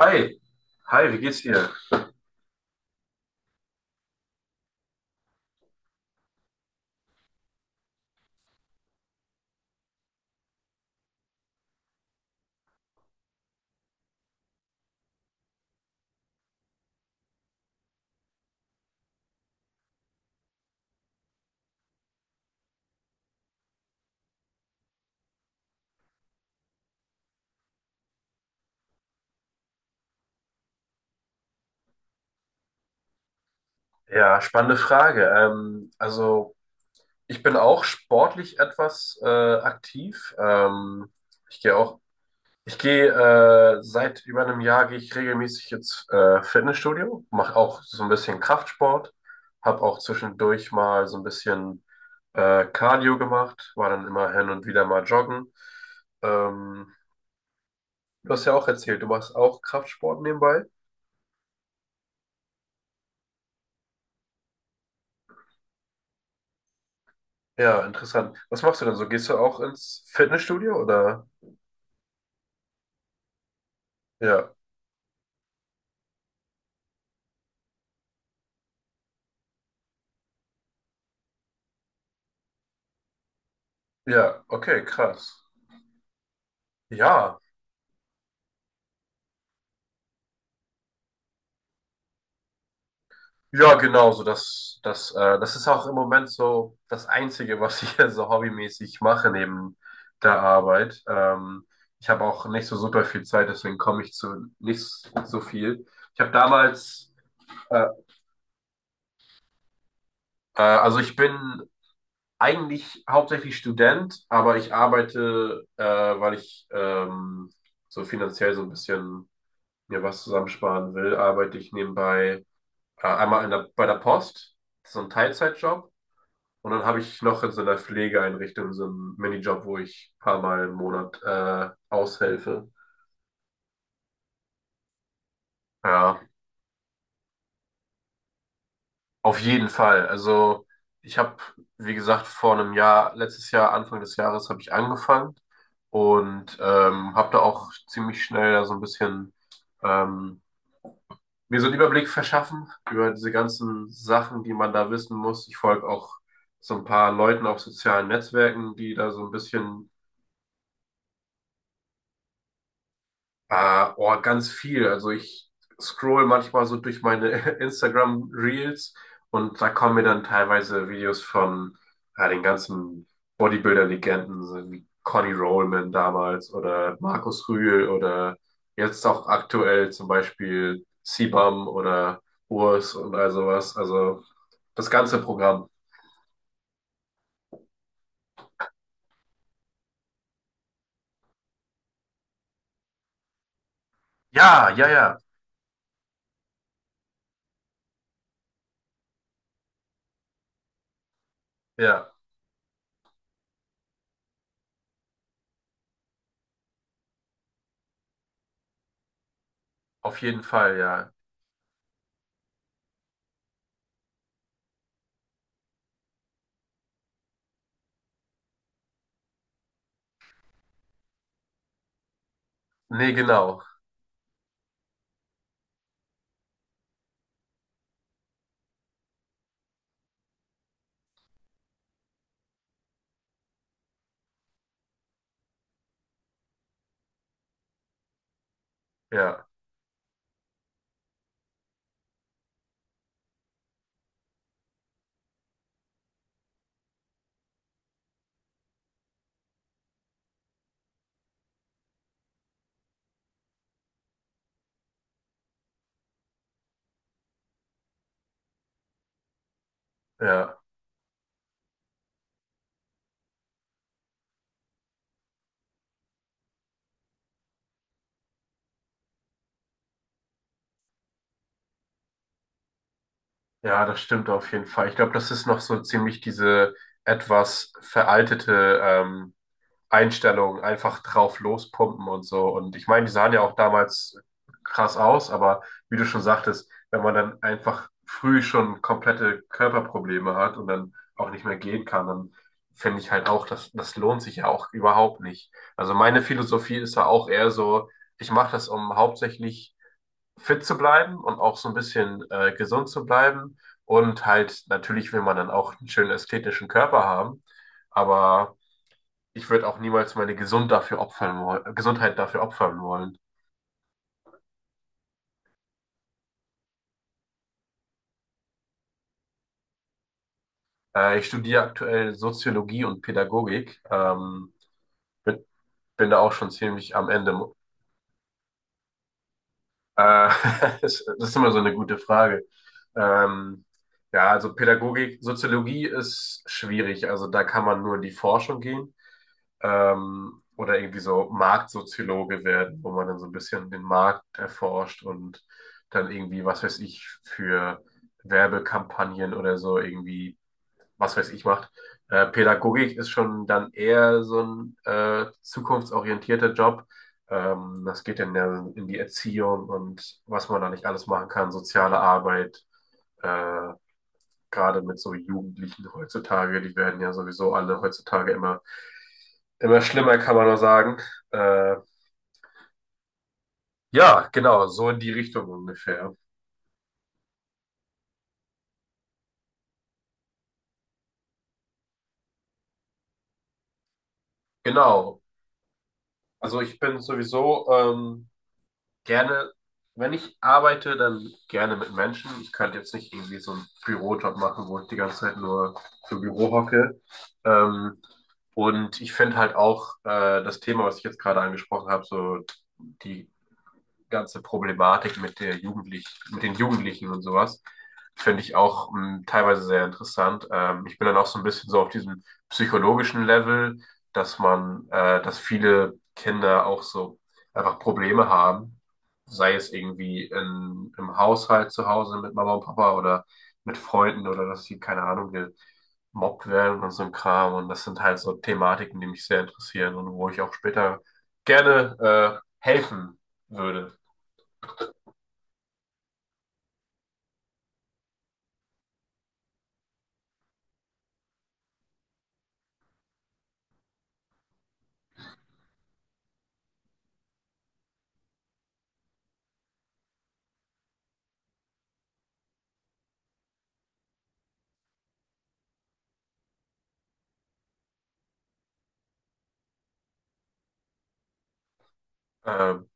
Hi, hi, wie geht's dir? Ja, spannende Frage. Also ich bin auch sportlich etwas aktiv. Ich gehe auch, ich gehe seit über einem Jahr gehe ich regelmäßig ins Fitnessstudio, mache auch so ein bisschen Kraftsport, habe auch zwischendurch mal so ein bisschen Cardio gemacht, war dann immer hin und wieder mal joggen. Ähm, du hast ja auch erzählt, du machst auch Kraftsport nebenbei. Ja, interessant. Was machst du denn so? Gehst du auch ins Fitnessstudio oder? Ja, ja, okay, krass. Ja, ja, genau so. Das ist auch im Moment so das Einzige, was ich so hobbymäßig mache neben der Arbeit. Ich habe auch nicht so super viel Zeit, deswegen komme ich zu nicht so viel. Ich habe damals, äh, also ich bin eigentlich hauptsächlich Student, aber ich arbeite, weil ich so finanziell so ein bisschen mir was zusammensparen will, arbeite ich nebenbei einmal bei der Post, so ein Teilzeitjob. Und dann habe ich noch in so einer Pflegeeinrichtung so einen Minijob, wo ich ein paar Mal im Monat aushelfe. Ja, auf jeden Fall. Also ich habe, wie gesagt, vor einem Jahr, letztes Jahr, Anfang des Jahres, habe ich angefangen und habe da auch ziemlich schnell da so ein bisschen ähm, mir so einen Überblick verschaffen über diese ganzen Sachen, die man da wissen muss. Ich folge auch so ein paar Leuten auf sozialen Netzwerken, die da so ein bisschen, oh, ganz viel. Also ich scroll manchmal so durch meine Instagram Reels und da kommen mir dann teilweise Videos von ja, den ganzen Bodybuilder-Legenden, so wie Conny Rollman damals oder Markus Rühl oder jetzt auch aktuell zum Beispiel Sibam oder Urs und all sowas. Also, das ganze Programm. Ja, ja, ja, ja, auf jeden Fall, ja. Nee, genau. Ja, ja, ja, das stimmt auf jeden Fall. Ich glaube, das ist noch so ziemlich diese etwas veraltete Einstellung, einfach drauf lospumpen und so. Und ich meine, die sahen ja auch damals krass aus, aber wie du schon sagtest, wenn man dann einfach früh schon komplette Körperprobleme hat und dann auch nicht mehr gehen kann, dann finde ich halt auch, das, das lohnt sich ja auch überhaupt nicht. Also meine Philosophie ist ja auch eher so, ich mache das, um hauptsächlich fit zu bleiben und auch so ein bisschen gesund zu bleiben. Und halt, natürlich will man dann auch einen schönen ästhetischen Körper haben, aber ich würde auch niemals meine Gesund dafür opfern wollen, Gesundheit dafür opfern wollen. Ich studiere aktuell Soziologie und Pädagogik. Bin, bin da auch schon ziemlich am Ende. Äh, das ist immer so eine gute Frage. Ähm, ja, also Pädagogik, Soziologie ist schwierig. Also da kann man nur in die Forschung gehen. Oder irgendwie so Marktsoziologe werden, wo man dann so ein bisschen den Markt erforscht und dann irgendwie, was weiß ich, für Werbekampagnen oder so irgendwie, was weiß ich, macht. Pädagogik ist schon dann eher so ein zukunftsorientierter Job. Das geht dann ja in die Erziehung und was man da nicht alles machen kann, soziale Arbeit, äh, gerade mit so Jugendlichen heutzutage, die werden ja sowieso alle heutzutage immer, immer schlimmer, kann man nur sagen. Äh, ja, genau, so in die Richtung ungefähr. Genau. Also ich bin sowieso gerne, wenn ich arbeite, dann gerne mit Menschen. Ich könnte jetzt nicht irgendwie so einen Bürojob machen, wo ich die ganze Zeit nur im Büro hocke. Ähm, und ich finde halt auch das Thema, was ich jetzt gerade angesprochen habe, so die ganze Problematik mit den Jugendlichen und sowas, finde ich auch teilweise sehr interessant. Ich bin dann auch so ein bisschen so auf diesem psychologischen Level, dass viele Kinder auch so einfach Probleme haben, sei es irgendwie im Haushalt zu Hause mit Mama und Papa oder mit Freunden oder dass sie, keine Ahnung, gemobbt werden und so ein Kram. Und das sind halt so Thematiken, die mich sehr interessieren und wo ich auch später gerne helfen würde. Ähm,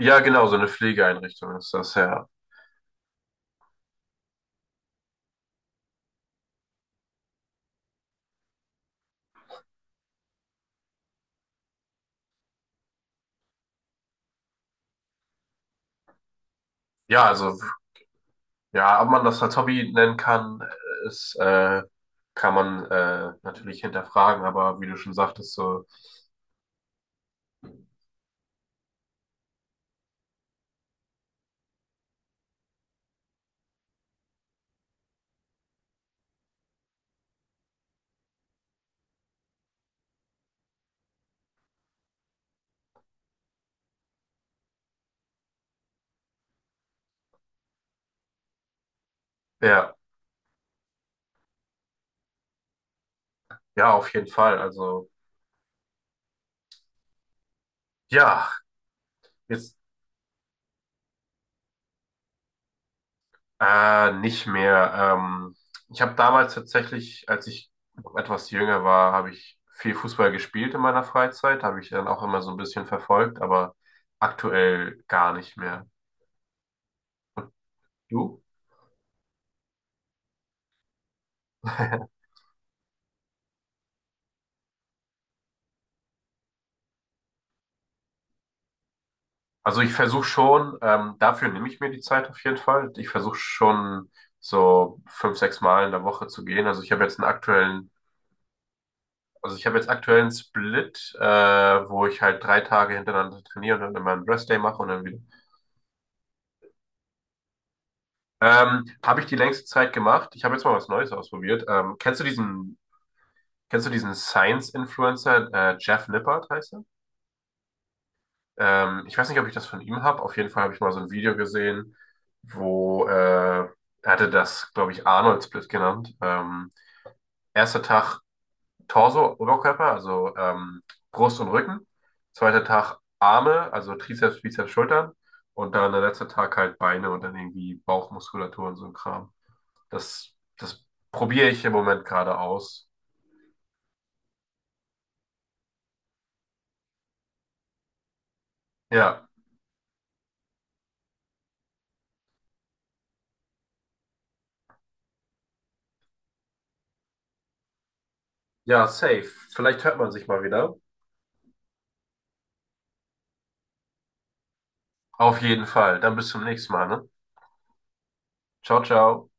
ja, genau, so eine Pflegeeinrichtung ist das ja. Ja, also, ja, ob man das als Hobby nennen kann, ist, äh, kann man natürlich hinterfragen, aber wie du schon sagtest, so, ja, ja, auf jeden Fall. Also, ja, jetzt nicht mehr. Ich habe damals tatsächlich, als ich noch etwas jünger war, habe ich viel Fußball gespielt in meiner Freizeit, habe ich dann auch immer so ein bisschen verfolgt, aber aktuell gar nicht mehr. Du? Also ich versuche schon, dafür nehme ich mir die Zeit auf jeden Fall. Ich versuche schon so 5, 6 Mal in der Woche zu gehen. Also ich habe jetzt aktuellen Split, wo ich halt 3 Tage hintereinander trainiere und dann immer einen Rest Day mache und dann wieder. Habe ich die längste Zeit gemacht. Ich habe jetzt mal was Neues ausprobiert. Kennst du diesen Science-Influencer, Jeff Nippert heißt er? Ich weiß nicht, ob ich das von ihm habe. Auf jeden Fall habe ich mal so ein Video gesehen, wo er hatte das, glaube ich, Arnold-Split genannt. Erster Tag Torso, Oberkörper, also Brust und Rücken. Zweiter Tag Arme, also Trizeps, Bizeps, Schultern. Und dann der letzte Tag halt Beine und dann irgendwie Bauchmuskulatur und so ein Kram. Das probiere ich im Moment gerade aus. Ja, ja, safe. Vielleicht hört man sich mal wieder. Auf jeden Fall. Dann bis zum nächsten Mal, ne? Ciao, ciao.